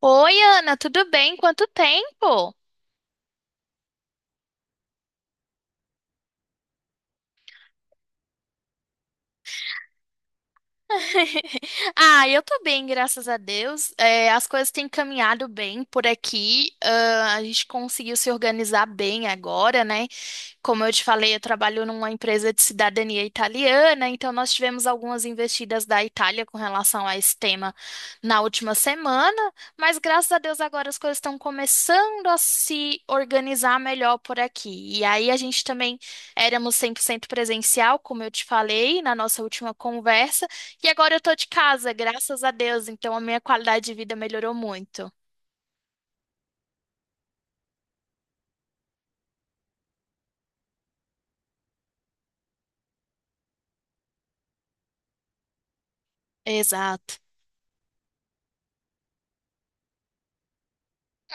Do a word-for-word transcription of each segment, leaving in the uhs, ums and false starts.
Oi, Ana, tudo bem? Quanto tempo? Ah, eu tô bem, graças a Deus. É, as coisas têm caminhado bem por aqui. Ah, a gente conseguiu se organizar bem agora, né? Como eu te falei, eu trabalho numa empresa de cidadania italiana, então nós tivemos algumas investidas da Itália com relação a esse tema na última semana, mas graças a Deus agora as coisas estão começando a se organizar melhor por aqui. E aí a gente também éramos cem por cento presencial, como eu te falei na nossa última conversa, e agora eu tô de casa, graças a Deus, então a minha qualidade de vida melhorou muito. Exato.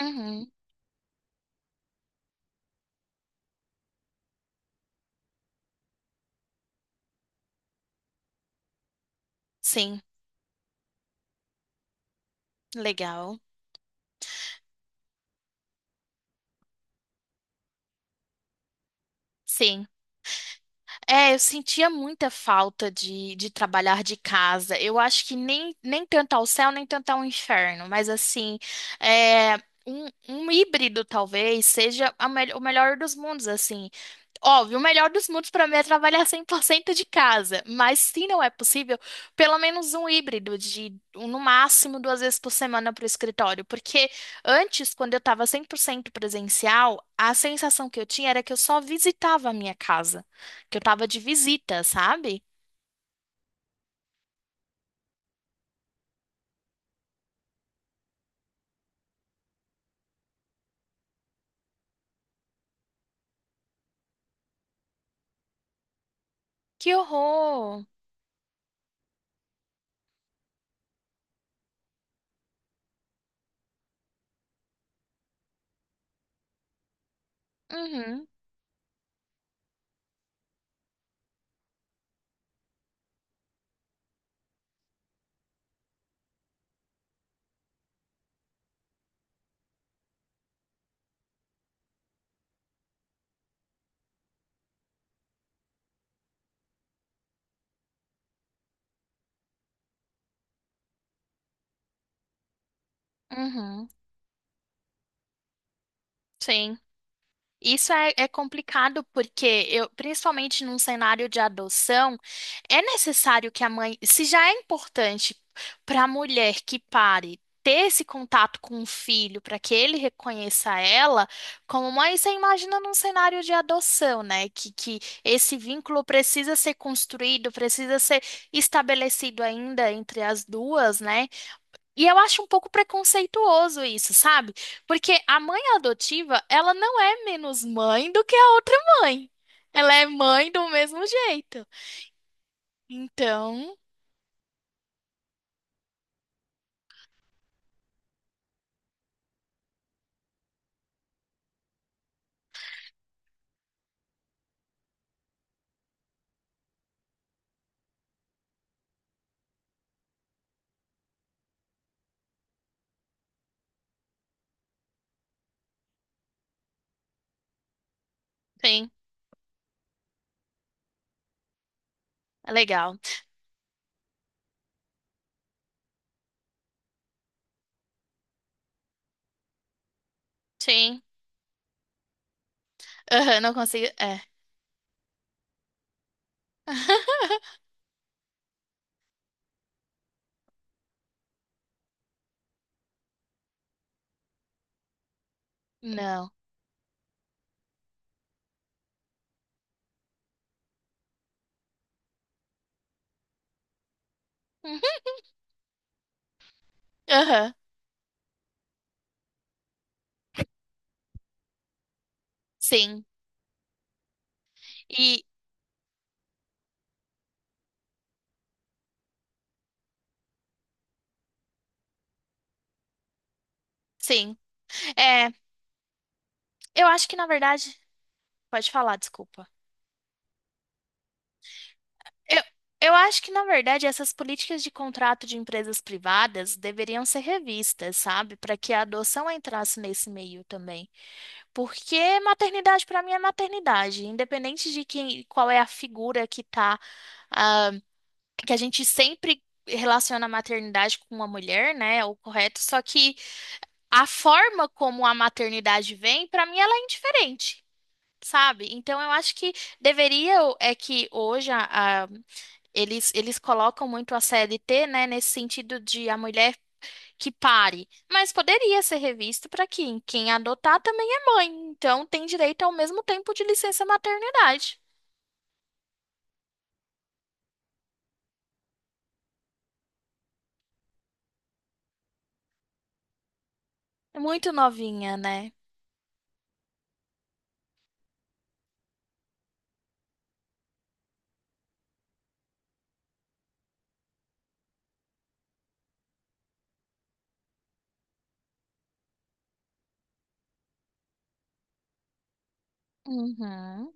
Uhum. Sim. Legal. Sim. É, eu sentia muita falta de, de trabalhar de casa. Eu acho que nem, nem tanto ao céu, nem tanto ao inferno, mas assim, é, um, um híbrido talvez seja a mel- o melhor dos mundos, assim. Óbvio, o melhor dos mundos para mim é trabalhar cem por cento de casa, mas se não é possível, pelo menos um híbrido de um, no máximo duas vezes por semana para o escritório, porque antes, quando eu estava cem por cento presencial, a sensação que eu tinha era que eu só visitava a minha casa, que eu estava de visita, sabe? Que horror! Uhum. uhum, sim. Isso é, é complicado porque eu, principalmente num cenário de adoção, é necessário que a mãe, se já é importante para a mulher que pare ter esse contato com o filho para que ele reconheça ela como mãe, você imagina num cenário de adoção, né? Que, que esse vínculo precisa ser construído, precisa ser estabelecido ainda entre as duas, né? E eu acho um pouco preconceituoso isso, sabe? Porque a mãe adotiva, ela não é menos mãe do que a outra mãe. Ela é mãe do mesmo jeito. Então, sim, é legal. Sim. Aham, não consigo. É. Não. Uhum. Aham. Sim. E, sim. É, eu acho que na verdade. Pode falar, desculpa. Eu, eu acho que, na verdade, essas políticas de contrato de empresas privadas deveriam ser revistas, sabe? Para que a adoção entrasse nesse meio também. Porque maternidade, para mim, é maternidade, independente de quem, qual é a figura que tá, ah, que a gente sempre relaciona a maternidade com uma mulher, né? É o correto. Só que a forma como a maternidade vem, para mim, ela é indiferente. Sabe? Então eu acho que deveria é que hoje a, a eles, eles colocam muito a C L T né, nesse sentido de a mulher que pare, mas poderia ser revisto para quem? Quem adotar também é mãe, então tem direito ao mesmo tempo de licença maternidade. É muito novinha, né? Uhum.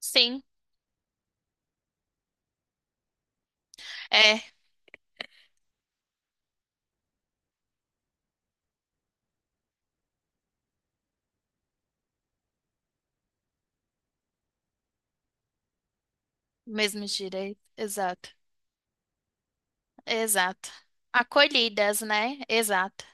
Sim, é, mesmo direito, exato, exato. Acolhidas, né? Exato.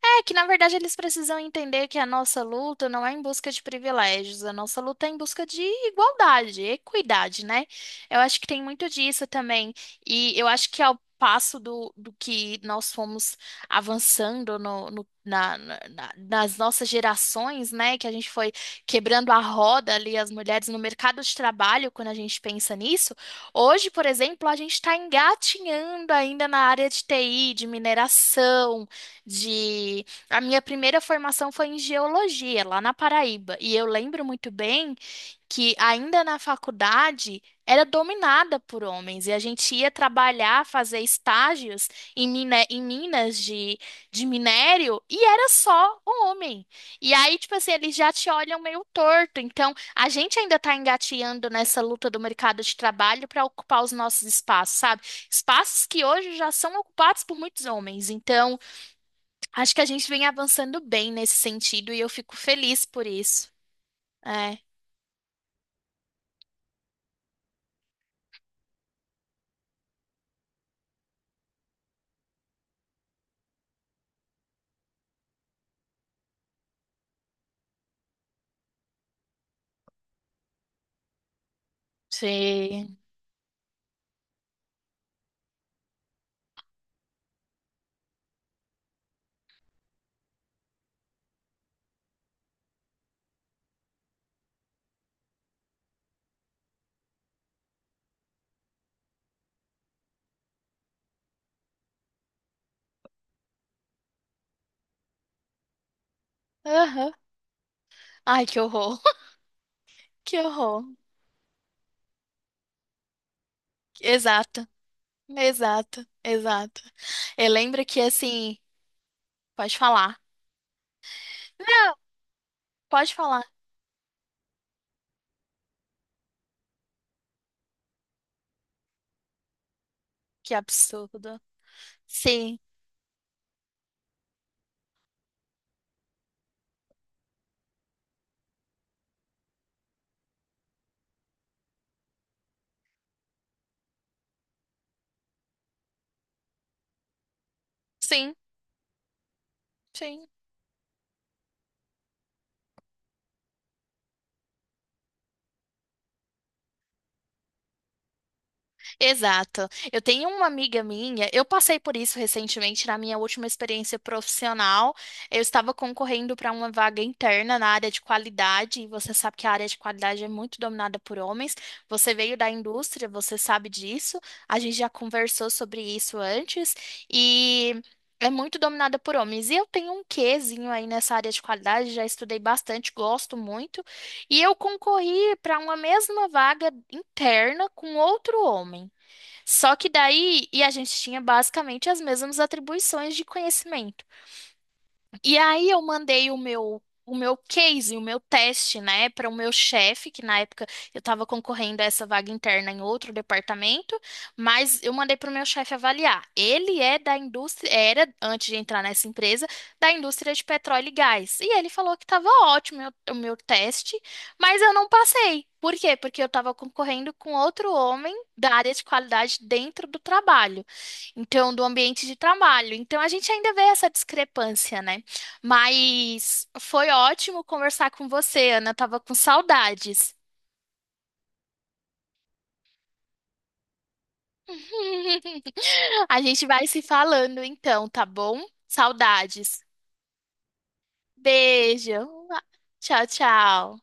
É que, na verdade, eles precisam entender que a nossa luta não é em busca de privilégios, a nossa luta é em busca de igualdade, equidade, né? Eu acho que tem muito disso também. E eu acho que ao passo do, do que nós fomos avançando no, no- na- na- na- nas nossas gerações, né? Que a gente foi quebrando a roda ali, as mulheres no mercado de trabalho, quando a gente pensa nisso. Hoje, por exemplo, a gente está engatinhando ainda na área de T I, de mineração de a minha primeira formação foi em geologia, lá na Paraíba. E eu lembro muito bem que ainda na faculdade era dominada por homens. E a gente ia trabalhar, fazer estágios em, mina- em minas de, de minério e era só homem. E aí, tipo assim, eles já te olham meio torto. Então, a gente ainda está engateando nessa luta do mercado de trabalho para ocupar os nossos espaços, sabe? Espaços que hoje já são ocupados por muitos homens. Então, acho que a gente vem avançando bem nesse sentido e eu fico feliz por isso. É. Sim. Aham. Ai, que horror. Que horror. Exato. Exato. Exato. Eu lembro que assim, pode falar. Não, pode falar. Que absurdo. Sim. Sim. Sim. Exato. Eu tenho uma amiga minha, eu passei por isso recentemente na minha última experiência profissional. Eu estava concorrendo para uma vaga interna na área de qualidade, e você sabe que a área de qualidade é muito dominada por homens. Você veio da indústria, você sabe disso. A gente já conversou sobre isso antes e é muito dominada por homens. E eu tenho um quezinho aí nessa área de qualidade, já estudei bastante, gosto muito. E eu concorri para uma mesma vaga interna com outro homem. Só que daí, e a gente tinha basicamente as mesmas atribuições de conhecimento. E aí eu mandei o meu o meu case, o meu teste, né, para o meu chefe, que na época eu estava concorrendo a essa vaga interna em outro departamento, mas eu mandei para o meu chefe avaliar. Ele é da indústria, era antes de entrar nessa empresa, da indústria de petróleo e gás. E ele falou que estava ótimo o meu o meu teste, mas eu não passei. Por quê? Porque eu estava concorrendo com outro homem da área de qualidade dentro do trabalho, então do ambiente de trabalho. Então a gente ainda vê essa discrepância, né? Mas foi ótimo conversar com você, Ana. Eu tava com saudades. A gente vai se falando então, tá bom? Saudades. Beijo. Tchau, tchau.